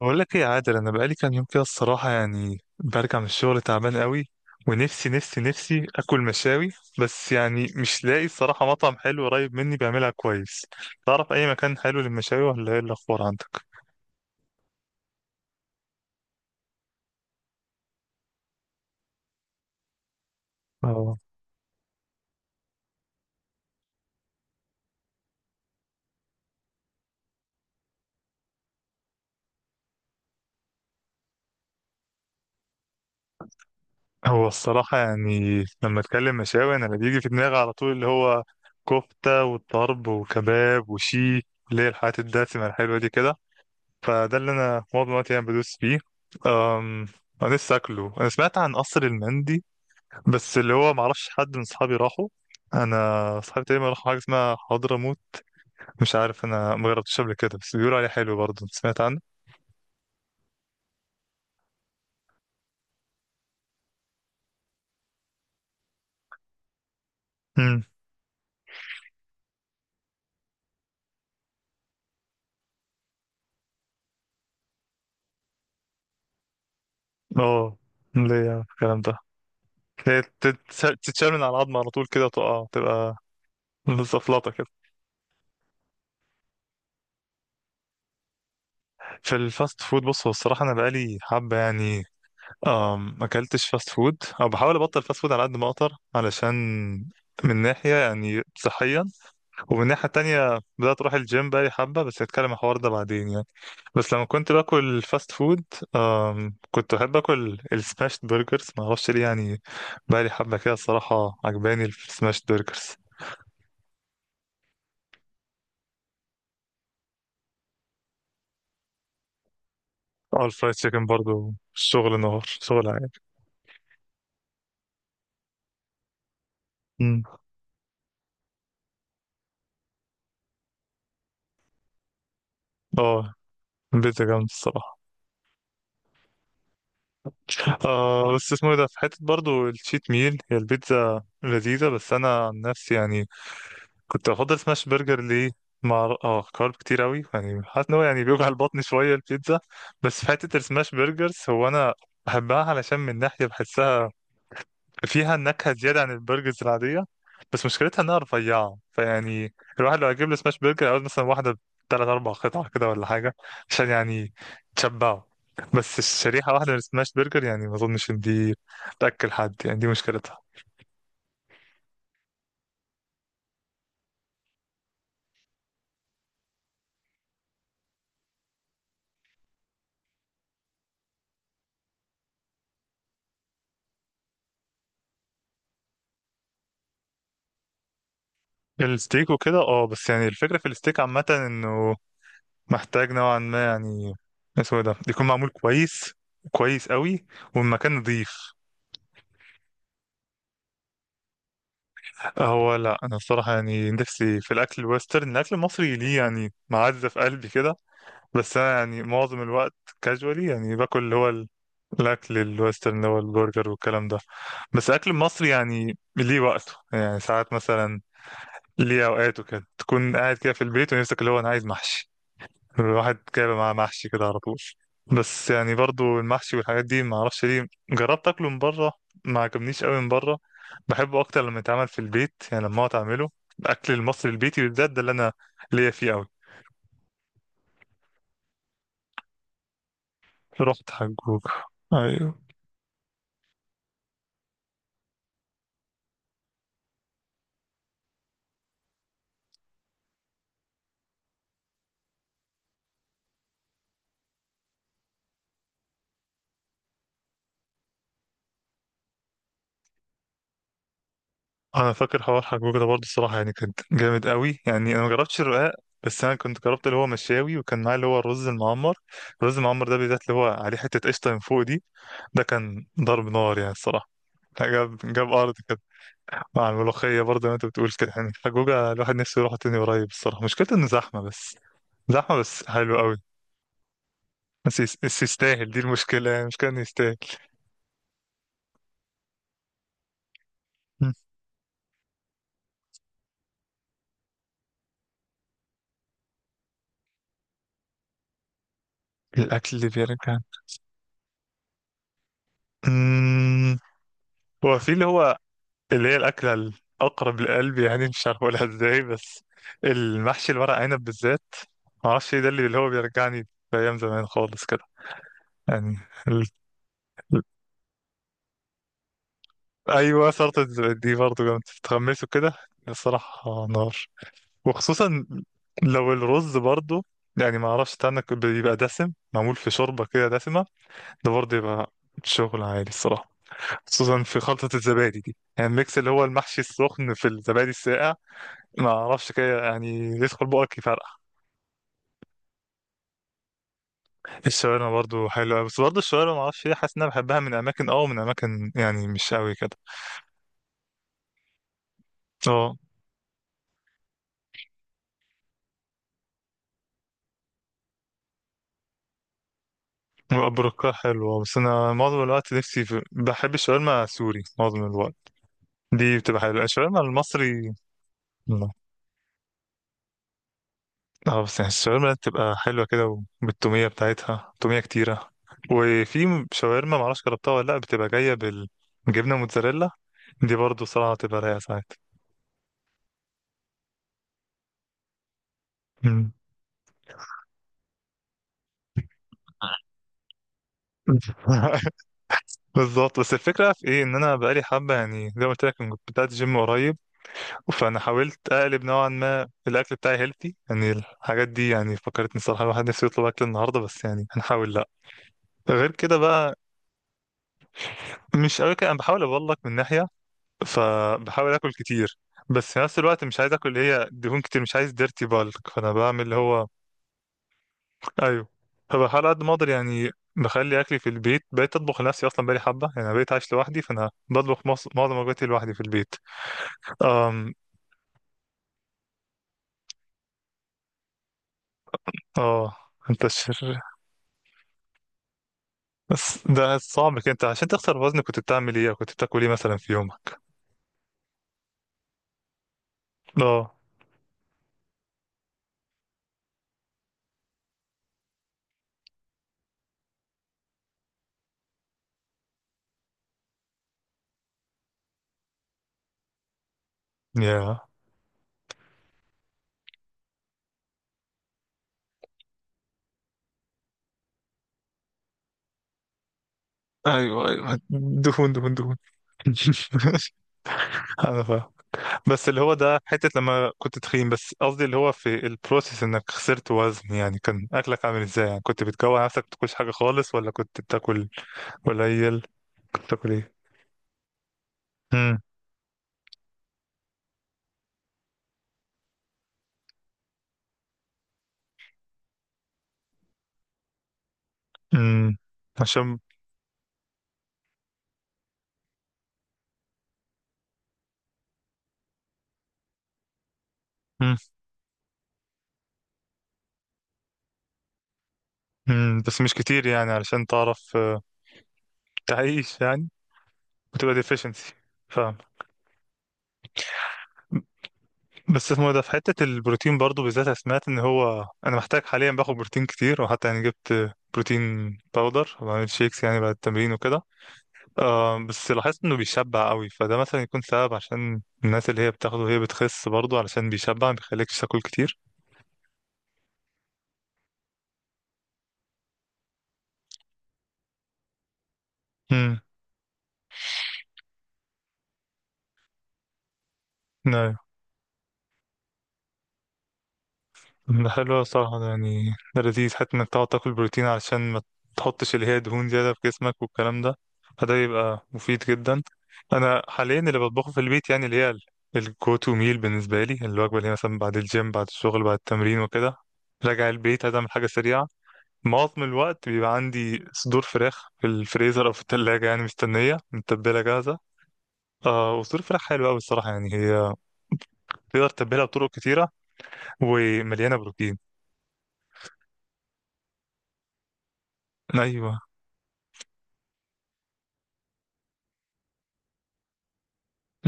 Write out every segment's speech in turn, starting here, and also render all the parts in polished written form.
بقول لك ايه يا عادل، انا بقالي كام يوم كده الصراحه يعني برجع من الشغل تعبان قوي. ونفسي نفسي نفسي اكل مشاوي، بس يعني مش لاقي الصراحه مطعم حلو قريب مني بيعملها كويس. تعرف اي مكان حلو للمشاوي ولا ايه الاخبار عندك؟ اه. هو الصراحه يعني لما اتكلم مشاوي انا اللي بيجي في دماغي على طول اللي هو كفته وطرب وكباب وشيش، اللي هي الحاجات الدسمه الحلوه دي كده. فده اللي انا معظم الوقت يعني بدوس فيه. أم... انا لسه اكله. انا سمعت عن قصر المندي، بس اللي هو معرفش حد من اصحابي راحوا. انا اصحابي تقريبا راحوا حاجه اسمها حضرموت، مش عارف انا ما جربتش قبل كده بس بيقولوا عليه حلو برضه. انت سمعت عنه؟ امم. اه. ليه يا عم الكلام ده؟ هي تتشال من على العظم على طول كده، تقع تبقى زفلطه كده. في الفاست فود بص، هو الصراحه انا بقالي حبه يعني، ما اكلتش فاست فود او بحاول ابطل فاست فود على قد ما اقدر، علشان من ناحيه يعني صحيه. ومن الناحية التانية بدأت أروح الجيم بقالي حبة، بس هتكلم عن الحوار ده بعدين يعني. بس لما كنت باكل فاست فود، كنت بحب أكل السماشت برجرز، معرفش ليه يعني. بقالي حبة كده الصراحة عجباني السماشت برجرز. اه، الفرايد تشيكن برضو شغل نهار، شغل عادي. مم. اه. البيتزا جامدة الصراحة. آه بس اسمه ايه ده، في حتة برضو الشيت ميل، هي البيتزا لذيذة بس أنا عن نفسي يعني كنت بفضل سماش برجر. ليه؟ مع كارب كتير قوي يعني، حاسس ان هو يعني بيوجع البطن شويه البيتزا. بس في حته السماش برجرز، هو انا بحبها علشان من ناحيه بحسها فيها نكهه زياده عن البرجرز العاديه. بس مشكلتها انها رفيعه، فيعني الواحد لو هيجيب له سماش برجر عاوز مثلا واحده بثلاث اربع قطع كده ولا حاجه عشان يعني تشبعه. بس الشريحه واحده من السماش برجر يعني ما اظنش ان دي تاكل حد، يعني دي مشكلتها. الستيك وكده اه، بس يعني الفكره في الستيك عامه انه محتاج نوعا ما يعني، اسمه إيه ده، يكون معمول كويس، كويس قوي، والمكان نظيف. هو لا، انا الصراحه يعني نفسي في الاكل الويسترن. الاكل المصري ليه يعني معزه في قلبي كده، بس انا يعني معظم الوقت كاجوالي يعني باكل اللي هو الاكل الويسترن اللي هو البرجر والكلام ده. بس الاكل المصري يعني ليه وقته، يعني ساعات مثلا ليه اوقاته كده، تكون قاعد كده في البيت ونفسك اللي هو انا عايز محشي، الواحد جايبه معاه محشي كده على طول. بس يعني برضو المحشي والحاجات دي ما اعرفش ليه، جربت اكله من بره ما عجبنيش قوي من بره. بحبه اكتر لما يتعمل في البيت، يعني لما اقعد اعمله. الاكل المصري البيتي بالذات ده اللي انا ليا فيه قوي. رحت حجوج. ايوه. انا فاكر حوار حجوج ده برضو الصراحه يعني، كان جامد قوي يعني. انا ما جربتش الرقاق بس انا كنت جربت اللي هو مشاوي، وكان معاه اللي هو الرز المعمر. الرز المعمر ده بالذات اللي هو عليه حته قشطه من فوق دي، ده كان ضرب نار يعني الصراحه، جاب جاب ارض كده. مع الملوخية برضه زي ما انت بتقول كده يعني، حجوجة الواحد نفسه يروح تاني قريب الصراحة، مشكلته انه زحمة بس. زحمة بس حلو قوي. بس يستاهل، دي المشكلة، يعني المشكلة انه يستاهل. مم. الأكل اللي بيرجع. مم. هو في اللي هو اللي هي الأكلة الأقرب للقلب يعني، مش عارف أقولها ازاي، بس المحشي الورق عنب بالذات. معرفش ايه ده اللي اللي هو بيرجعني لأيام زمان خالص كده يعني. ال... ال- أيوه صارت. دي برضه جامدة تتغمسوا كده، الصراحة نار. وخصوصا لو الرز برضو يعني، ما اعرفش ده انا بيبقى دسم معمول في شوربه كده دسمه، ده برضه يبقى شغل عالي الصراحه. خصوصا في خلطه الزبادي دي، يعني الميكس اللي هو المحشي السخن في الزبادي الساقع، ما اعرفش كده يعني، يدخل بقك يفرقع. الشاورما برضو حلوه أوي، بس برضو الشاورما ما اعرفش ليه، حاسس ان انا بحبها من اماكن ومن اماكن يعني مش قوي كده. اه. البركه حلوه، بس انا معظم الوقت نفسي في... بحب الشاورما سوري معظم الوقت. دي بتبقى حلوه الشاورما المصري. اه بس يعني الشاورما بتبقى حلوة كده، وبالتومية بتاعتها، تومية كتيرة. وفي شاورما معرفش جربتها ولا لأ، بتبقى جاية بالجبنة موتزاريلا، دي برضو صراحة بتبقى رايقة ساعات. مم. بالظبط. بس الفكرة في ايه، ان انا بقالي حبة يعني زي ما قلت لك كنت بدأت جيم قريب، فانا حاولت اقلب نوعا ما الاكل بتاعي هيلثي يعني الحاجات دي. يعني فكرتني الصراحة، الواحد نفسه يطلب اكل النهاردة، بس يعني هنحاول لا. غير كده بقى، مش قوي كده، انا بحاول اقول لك من ناحية، فبحاول اكل كتير بس في نفس الوقت مش عايز اكل اللي هي دهون كتير، مش عايز ديرتي بالك، فانا بعمل اللي هو ايوه. فبحاول على قد ما اقدر يعني بخلي اكلي في البيت، بقيت اطبخ لنفسي اصلا بقالي حبه يعني. انا بقيت عايش لوحدي، فانا بطبخ معظم وجباتي لوحدي في البيت. أم... اه. انت الشر. بس ده صعب كده. انت عشان تخسر وزن كنت بتعمل ايه أو كنت بتاكل ايه مثلا في يومك؟ اه. يا ايوه ايوه، دهون دهون دهون. انا فاهم. بس اللي هو ده حتة لما كنت تخين، بس قصدي اللي هو في البروسيس انك خسرت وزن يعني، كان اكلك عامل ازاي يعني؟ كنت بتجوع نفسك بتاكلش حاجة خالص ولا كنت بتاكل قليل؟ كنت بتاكل ايه؟ امم. امم. عشان. امم. امم، بس مش كتير يعني علشان تعرف تعيش يعني وتبقى ديفيشنسي. فاهم. بس اسمه إيه ده، في حتة البروتين برضو بالذات، أنا سمعت ان هو انا محتاج حاليا باخد بروتين كتير، وحتى يعني جبت بروتين باودر وبعمل شيكس يعني بعد التمرين وكده. آه بس لاحظت انه بيشبع قوي، فده مثلا يكون سبب عشان الناس اللي هي بتاخده وهي بتخس برضه، علشان بيشبع ما بيخليكش تاكل كتير. امم. ايوه. ده حلو أوي الصراحة، ده يعني ده لذيذ حتى انك تقعد تاكل بروتين علشان ما تحطش اللي هي دهون زيادة في جسمك والكلام ده، فده يبقى مفيد جدا. انا حاليا اللي بطبخه في البيت يعني اللي هي الجو تو ميل بالنسبة لي، الوجبة اللي هي مثلا بعد الجيم بعد الشغل بعد التمرين وكده، راجع البيت عايز اعمل حاجة سريعة. معظم الوقت بيبقى عندي صدور فراخ في الفريزر او في التلاجة يعني مستنية متبلة جاهزة. آه، وصدور فراخ حلوة أوي الصراحة يعني، هي تقدر تتبلها بطرق كتيرة ومليانة بروتين. أيوه.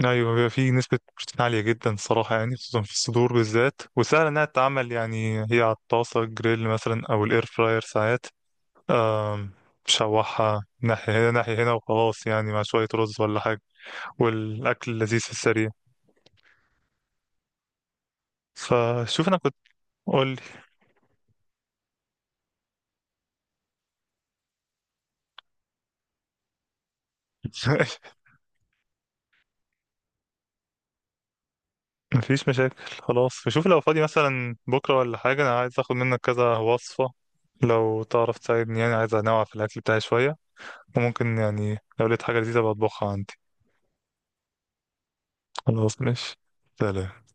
أيوه، بيبقى فيه نسبة بروتين عالية جدا الصراحة يعني، خصوصا في الصدور بالذات، وسهل إنها تتعمل يعني. هي على الطاسة جريل مثلا أو الإير فراير ساعات، آم، تشوحها ناحية هنا ناحية هنا وخلاص يعني، مع شوية رز ولا حاجة. والأكل لذيذ في السريع. فشوف أنا كنت. قول. مفيش مشاكل. خلاص، شوف لو فاضي مثلا بكرة ولا حاجة، أنا عايز أخد منك كذا وصفة لو تعرف تساعدني يعني، عايز أنوع في الأكل بتاعي شوية، وممكن يعني لو لقيت حاجة لذيذة بطبخها عندي. خلاص ماشي. سلام.